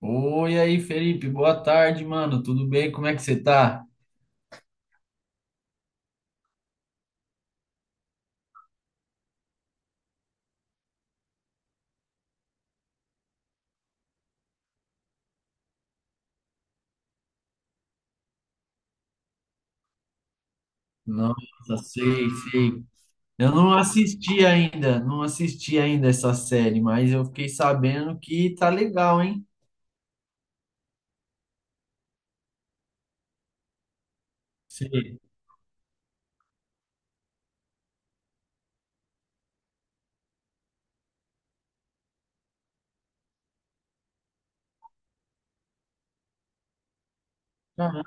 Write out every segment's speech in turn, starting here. Oi aí, Felipe, boa tarde, mano. Tudo bem? Como é que você tá? Nossa, sei, sei. Eu não assisti ainda, essa série, mas eu fiquei sabendo que tá legal, hein? Sei. Aham,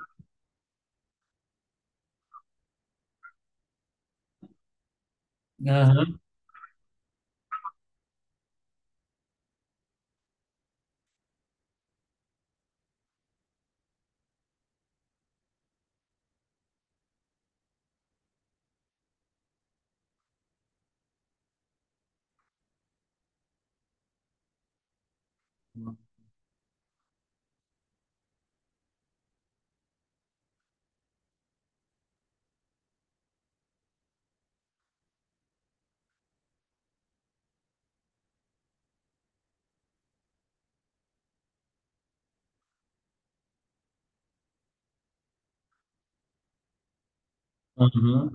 aham, aham.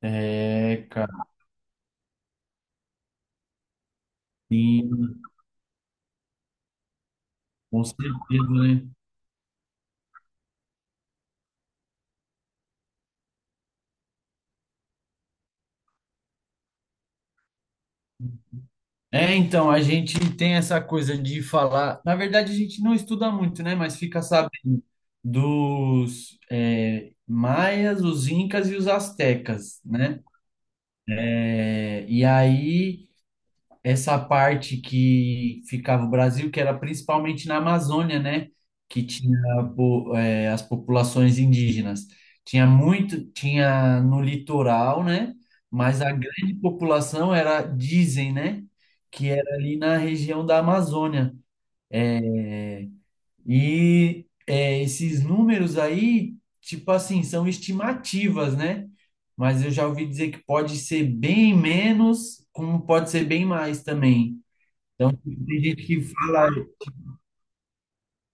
É, cara, sim, com certeza, né? É, então, a gente tem essa coisa de falar. Na verdade, a gente não estuda muito, né? Mas fica sabendo dos maias, os incas e os astecas, né? É, e aí essa parte que ficava o Brasil, que era principalmente na Amazônia, né? Que tinha as populações indígenas. Tinha muito, tinha no litoral, né? Mas a grande população era, dizem, né? Que era ali na região da Amazônia. E esses números aí, tipo assim, são estimativas, né? Mas eu já ouvi dizer que pode ser bem menos, como pode ser bem mais também. Então, tem gente que fala,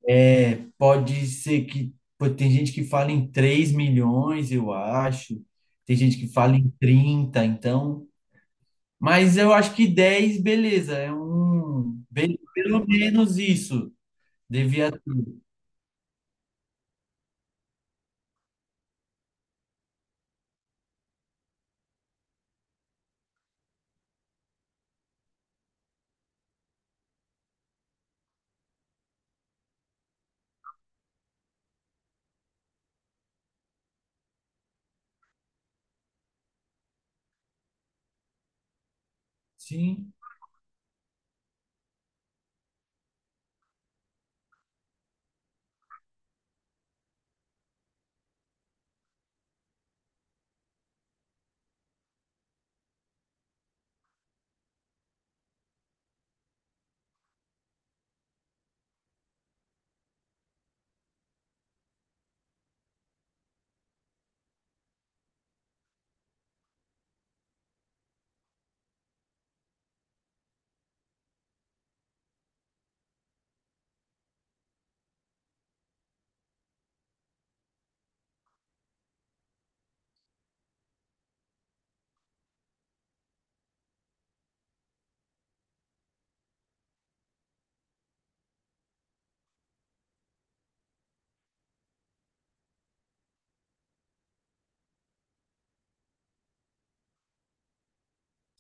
pode ser que, pô, tem gente que fala em 3 milhões, eu acho, tem gente que fala em 30 então, mas eu acho que 10 beleza, pelo menos isso, devia, sim,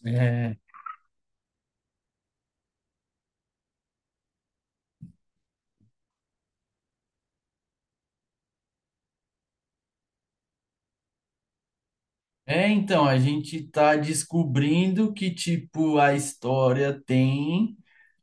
é. É, então, a gente tá descobrindo que, tipo, a história tem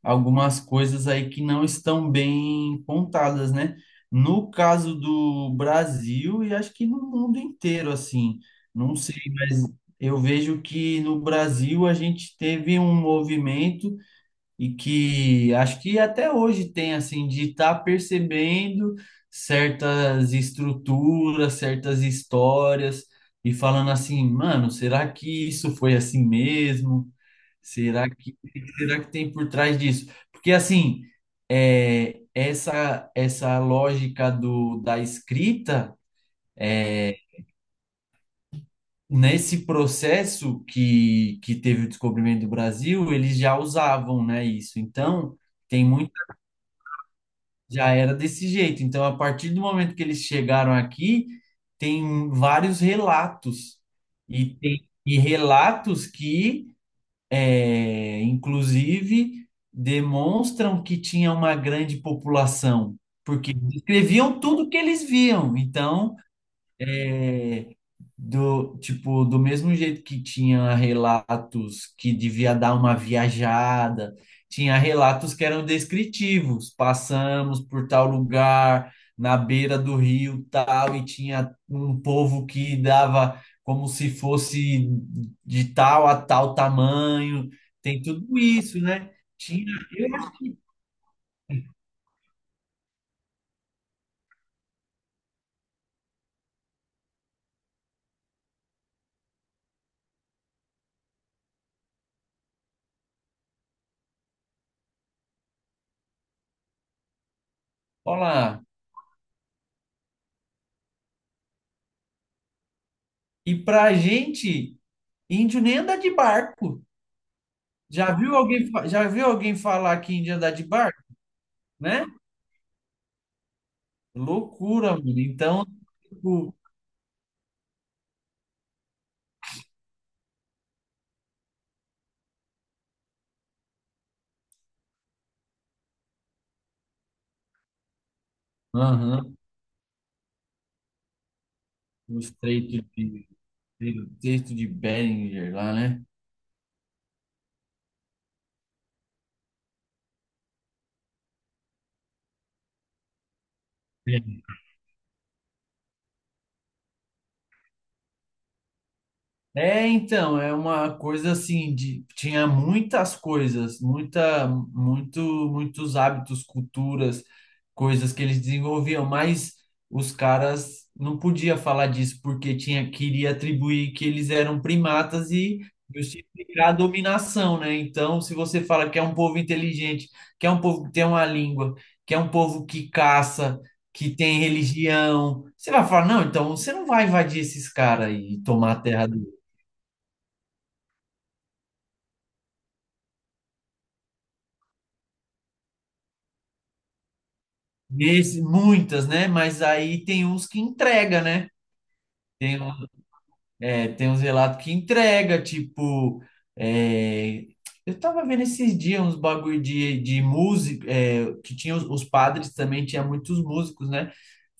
algumas coisas aí que não estão bem contadas, né? No caso do Brasil e acho que no mundo inteiro, assim, não sei, mas eu vejo que no Brasil a gente teve um movimento e que acho que até hoje tem assim de estar percebendo certas estruturas, certas histórias e falando assim, mano, será que isso foi assim mesmo? Será que tem por trás disso? Porque assim, é, essa lógica do da escrita é, nesse processo que teve o descobrimento do Brasil, eles já usavam, né, isso. Então, tem muito. Já era desse jeito. Então, a partir do momento que eles chegaram aqui, tem vários relatos. E relatos que, é, inclusive, demonstram que tinha uma grande população, porque descreviam tudo que eles viam. Então, é, do, tipo, do mesmo jeito que tinha relatos que devia dar uma viajada, tinha relatos que eram descritivos. Passamos por tal lugar, na beira do rio tal, e tinha um povo que dava como se fosse de tal a tal tamanho. Tem tudo isso, né? Tinha, olá. E pra gente, índio nem anda de barco. Já viu alguém, já viu alguém falar que índio anda de barco? Né? Loucura, mano. Então, tipo, aham, os treitos de Behringer lá, né? É, então, é uma coisa assim de tinha muitas coisas, muita muito muitos hábitos, culturas, coisas que eles desenvolviam, mas os caras não podia falar disso porque tinha queria atribuir que eles eram primatas e justificar a dominação, né? Então, se você fala que é um povo inteligente, que é um povo que tem uma língua, que é um povo que caça, que tem religião. Você vai falar, não, então você não vai invadir esses caras e tomar a terra. Nesse, muitas, né? Mas aí tem uns que entrega, né? Tem uns tem uns relatos que entrega, tipo, é, eu tava vendo esses dias uns bagulho de música, é, que tinha os padres também, tinha muitos músicos, né?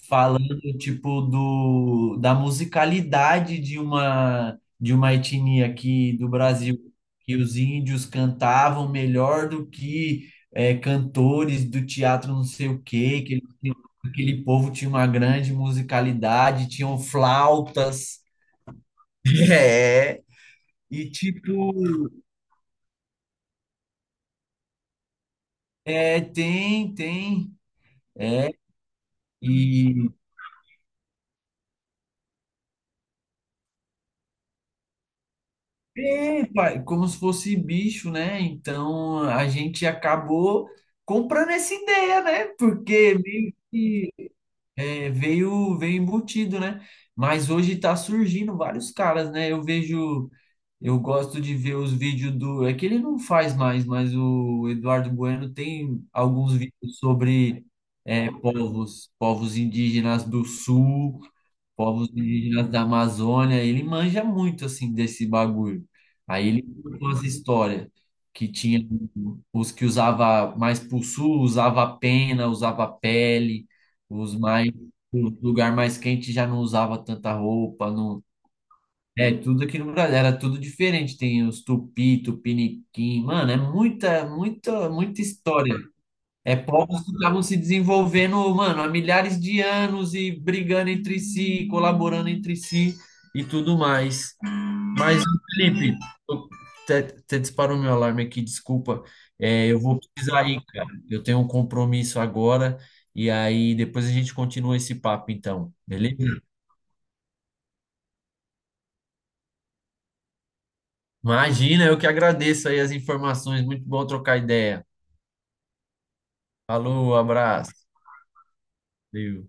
Falando, tipo, do, da musicalidade de uma etnia aqui do Brasil, que os índios cantavam melhor do que é, cantores do teatro não sei o quê, que eles tinham- aquele povo tinha uma grande musicalidade, tinham flautas. É, e tipo, é, tem, tem. E tem, pai, como se fosse bicho, né? Então a gente acabou comprando essa ideia, né? Porque meio que é, veio embutido, né? Mas hoje tá surgindo vários caras, né? Eu vejo, eu gosto de ver os vídeos do. É que ele não faz mais, mas o Eduardo Bueno tem alguns vídeos sobre é, povos indígenas do sul, povos indígenas da Amazônia. Ele manja muito assim desse bagulho. Aí ele contou as histórias que tinha os que usava mais pro sul, usava pena, usava pele, os mais o lugar mais quente já não usava tanta roupa, não. É, tudo aqui no Brasil era tudo diferente. Tem os tupi, tupiniquim, mano, é muita, muita, muita história. É povos que estavam se desenvolvendo, mano, há milhares de anos e brigando entre si, colaborando entre si e tudo mais. Mas, Felipe, eu- até disparou meu alarme aqui, desculpa. É, eu vou precisar ir, cara. Eu tenho um compromisso agora e aí depois a gente continua esse papo, então, beleza? Imagina, eu que agradeço aí as informações. Muito bom trocar ideia. Falou, abraço. Valeu.